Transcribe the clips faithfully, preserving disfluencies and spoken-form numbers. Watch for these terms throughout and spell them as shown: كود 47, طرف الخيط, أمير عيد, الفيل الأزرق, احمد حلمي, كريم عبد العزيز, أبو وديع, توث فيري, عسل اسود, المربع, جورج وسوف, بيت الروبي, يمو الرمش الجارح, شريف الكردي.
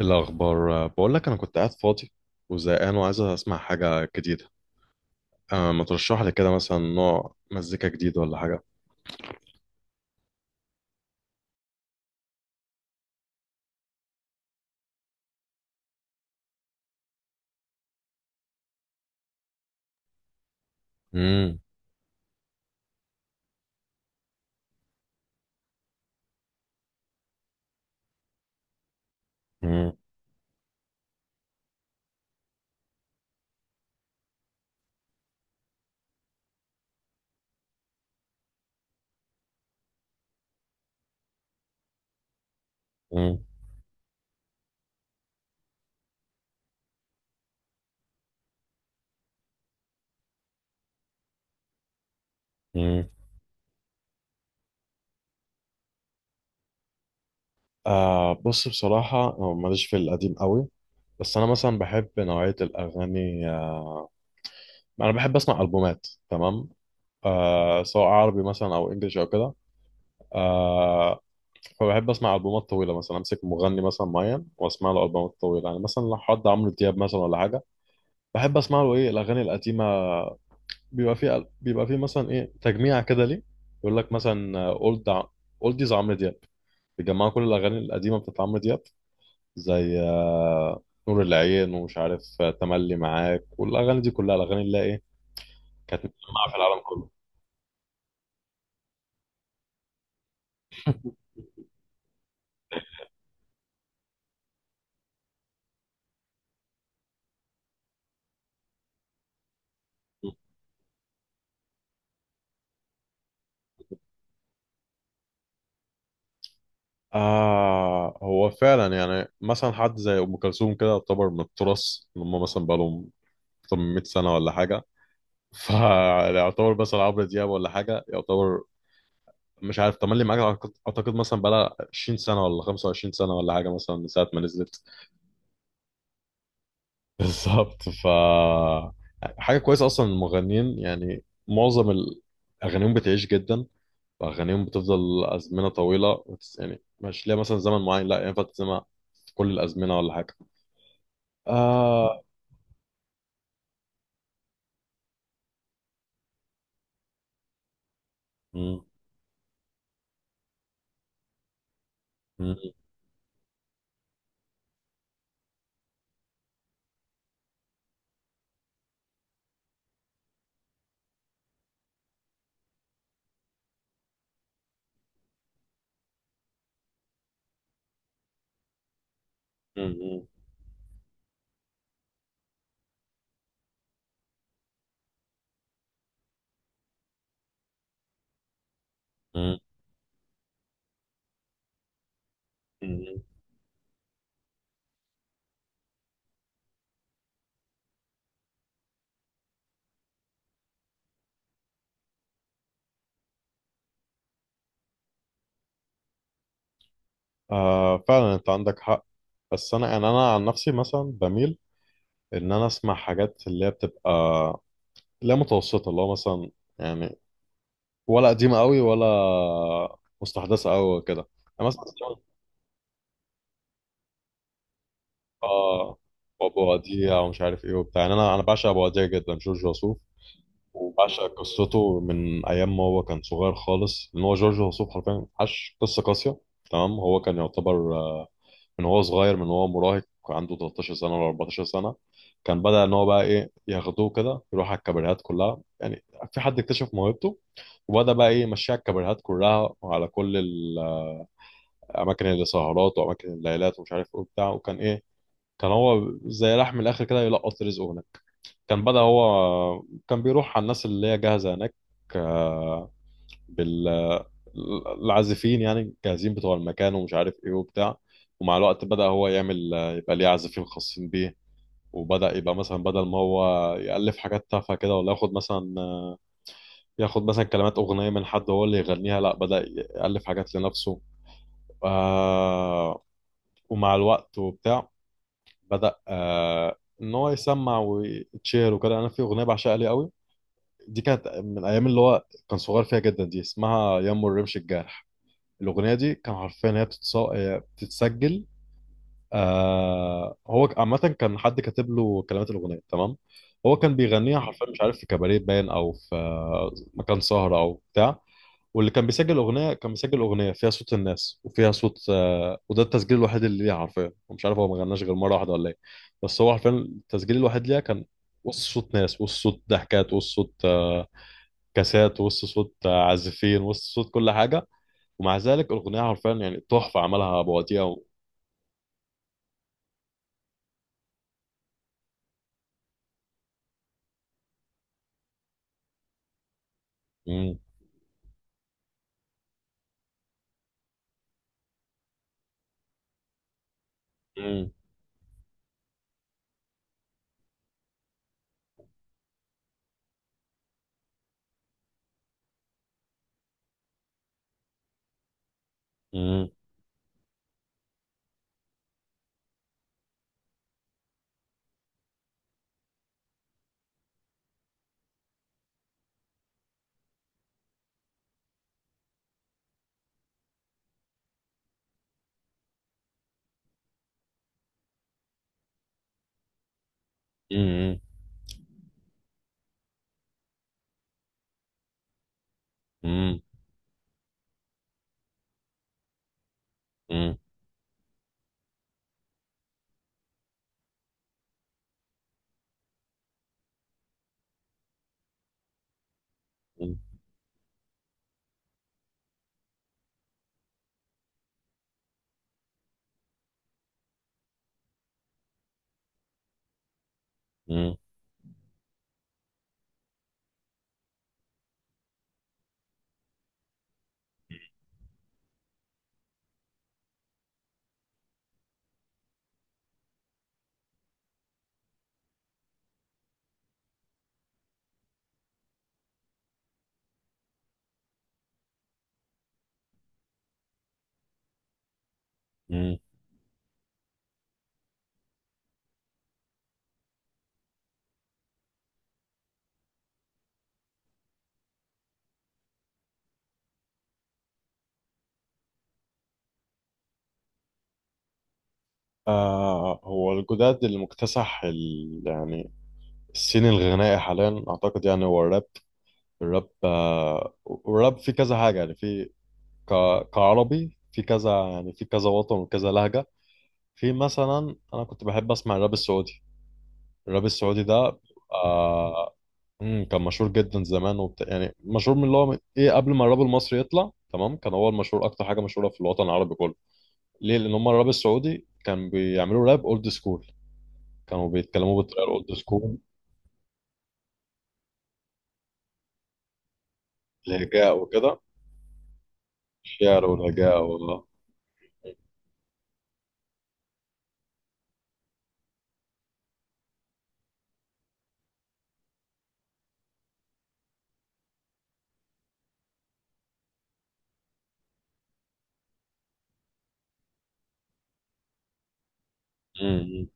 الأخبار بقول لك أنا كنت قاعد فاضي وزهقان وعايز أسمع حاجة جديدة. أه ما ترشح لي كده مثلا نوع مزيكا جديد ولا حاجة؟ مم. مم. مم. مم. أه بص، بصراحة أنا ماليش في القديم قوي، بس أنا مثلا بحب نوعية الأغاني، آه، أنا بحب أسمع ألبومات، تمام؟ آه سواء عربي مثلا او انجلش او كده. آه فبحب اسمع البومات طويله، مثلا امسك مغني مثلا معين واسمع له البومات طويله، يعني مثلا لو حد عمرو دياب مثلا ولا حاجه، بحب اسمع له ايه الاغاني القديمه. بيبقى فيه بيبقى فيه مثلا ايه تجميع كده، ليه؟ يقول لك مثلا اولد اولديز عمرو دياب، بيجمعوا كل الاغاني القديمه بتاعت عمرو دياب، زي آه نور العين، ومش عارف، آه، تملي معاك، والاغاني دي كلها الاغاني اللي هي ايه كانت مسمعه في العالم كله. آه، هو فعلا يعني مثلا حد زي أم كلثوم كده يعتبر من التراث، اللي هم مثلا بقالهم أكتر من مئة سنة ولا حاجة. فيعتبر مثلا عمرو دياب ولا حاجة، يعتبر مش عارف، تملي معاك أعتقد أعتقد مثلا بقالها عشرين سنة ولا خمسة وعشرين سنة ولا حاجة، مثلا من ساعة ما نزلت. بالظبط. ف حاجة كويسة أصلا المغنيين، يعني معظم ال- أغانيهم بتعيش جدا، وأغانيهم بتفضل أزمنة طويلة، وتس- يعني مش ليها مثلا زمن معين، لا ينفع تسمع كل الأزمنة ولا حاجة. آه مم. مم. مم. مم. مم. آه فعلا، انت عندك حق. بس انا يعني انا عن نفسي مثلا بميل ان انا اسمع حاجات اللي هي بتبقى لا متوسطه، اللي هو مثلا يعني، ولا قديمه قوي ولا مستحدثه قوي كده. انا مثلا أسمع، اه، ابو وديع ومش عارف ايه وبتاع، يعني انا انا بعشق ابو وديع جدا، جورج وسوف. وبعشق قصته من ايام ما هو كان صغير خالص، ان هو جورج وسوف حرفيا عاش قصه قاسيه، تمام. هو كان يعتبر، آه، من هو صغير، من هو مراهق، عنده تلتاشر سنة ولا اربعة عشر سنة، كان بدأ إن هو بقى إيه ياخدوه كده يروح على الكابريهات كلها، يعني في حد اكتشف موهبته، وبدأ بقى إيه يمشيها على الكابريهات كلها وعلى كل الأماكن اللي سهرات وأماكن الليلات ومش عارف إيه وبتاع، وكان إيه كان هو زي راح من الآخر كده يلقط رزقه هناك. كان بدأ هو كان بيروح على الناس اللي هي جاهزة هناك، آه، بالعازفين يعني جاهزين بتوع المكان ومش عارف ايه وبتاع. ومع الوقت بدأ هو يعمل يبقى ليه عازفين خاصين بيه، وبدأ يبقى مثلا بدل ما هو يألف حاجات تافهة كده ولا ياخد مثلا ياخد مثلا كلمات أغنية من حد هو اللي يغنيها، لا، بدأ يألف حاجات لنفسه. آه ومع الوقت وبتاع، بدأ، آه إن هو يسمع ويتشير وكده. أنا في أغنية بعشقها ليه قوي، دي كانت من أيام اللي هو كان صغير فيها جدا، دي اسمها يمو الرمش الجارح. الأغنية دي كان عارفين إن هي بتتص- آه، بتتسجل. آه هو عامة كان حد كاتب له كلمات الأغنية، تمام. هو كان بيغنيها حرفيا، مش عارف في كباريه باين، أو في آه، مكان سهرة أو بتاع. واللي كان بيسجل الأغنية كان بيسجل أغنية فيها صوت الناس وفيها صوت آه وده التسجيل الوحيد اللي ليها حرفيا، ومش عارف هو ما غناش غير مرة واحدة ولا إيه، بس هو حرفيا التسجيل الوحيد ليها كان وسط صوت ناس، وسط صوت ضحكات، وسط صوت آه كاسات، وسط صوت آه، عازفين، وسط صوت كل حاجة. ومع ذلك الاغنيه حرفيا يعني تحفه، عملها ابو وديع و... مم. مم. مم. مم. مم. مم. مم. مم. آه هو الجداد اللي مكتسح ال... يعني السين الغنائي حاليا، اعتقد يعني هو الراب. الراب، آه الراب في كذا حاجه، يعني في ك... كعربي، في كذا، يعني في كذا وطن وكذا لهجه. في مثلا، انا كنت بحب اسمع الراب السعودي. الراب السعودي ده آه، امم، كان مشهور جدا زمان وبتاع، يعني مشهور من اللي هو ايه قبل ما الراب المصري يطلع، تمام؟ كان هو المشهور، اكتر حاجه مشهوره في الوطن العربي كله. ليه؟ لان هم الراب السعودي كان بيعملوا راب اولد سكول، كانوا بيتكلموا بالطريقه الاولد سكول، الهجاء وكده، الشعر والهجاء والله. امم.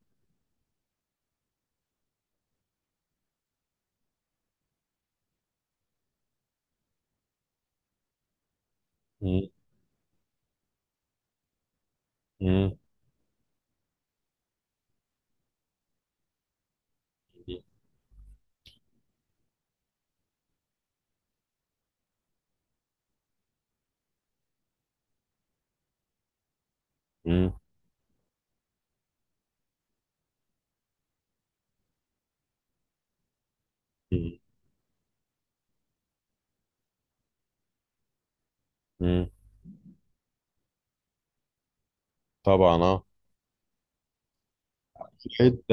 امم. امم. امم. امم. امم. طبعا اه. في الحيط.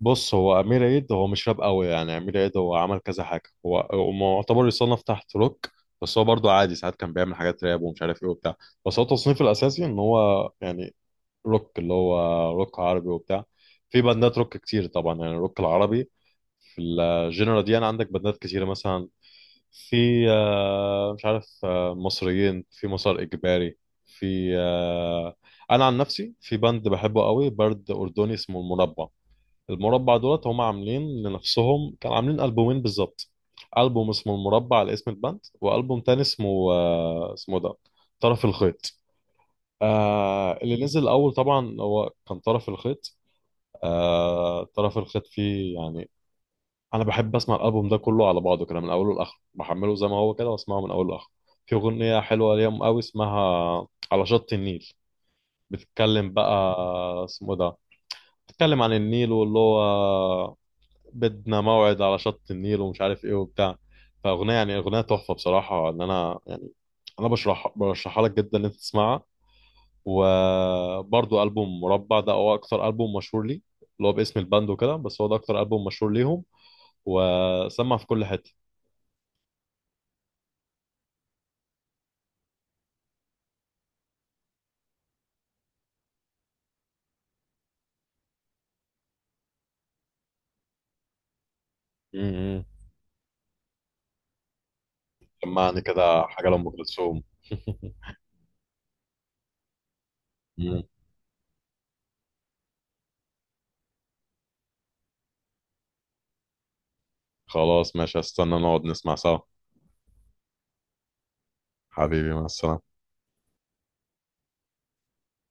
بص، هو امير عيد هو مش راب قوي، يعني امير عيد هو عمل كذا حاجه، هو هو معتبر يصنف تحت روك، بس هو برضو عادي ساعات كان بيعمل حاجات راب ومش عارف ايه وبتاع، بس هو تصنيفه الاساسي ان هو يعني روك، اللي هو روك عربي وبتاع. في باندات روك كتير طبعا، يعني الروك العربي، في الجنرا دي انا عندك باندات كتيره، مثلا في آه، مش عارف، آه، مصريين في مسار اجباري، في آه، انا عن نفسي في باند بحبه قوي، برد اردني، اسمه المربع. المربع دولت هم عاملين لنفسهم، كانوا عاملين ألبومين بالظبط. ألبوم اسمه المربع على اسم الباند، وألبوم تاني اسمه، آه، اسمه ده طرف الخيط. آه اللي نزل الأول طبعا هو كان طرف الخيط. آه طرف الخيط فيه يعني، أنا بحب أسمع الألبوم ده كله على بعضه كده من أوله لآخره، بحمله زي ما هو كده وأسمعه من أوله لآخره. في أغنية حلوة ليهم قوي، اسمها على شط النيل، بتتكلم بقى آه، اسمه ده بتتكلم عن النيل واللي هو بدنا موعد على شط النيل ومش عارف ايه وبتاع. فاغنيه يعني اغنيه تحفه بصراحه، ان انا يعني انا بشرح برشحها لك جدا ان انت تسمعها. وبرضو البوم مربع ده هو اكتر البوم مشهور لي، اللي هو باسم الباند وكده، بس هو ده اكتر البوم مشهور ليهم، وسمع في كل حته. امم. سمعني كده حاجه لام كلثوم. مم. خلاص ماشي، هستنى نقعد نسمع سوا. حبيبي، مع السلامه.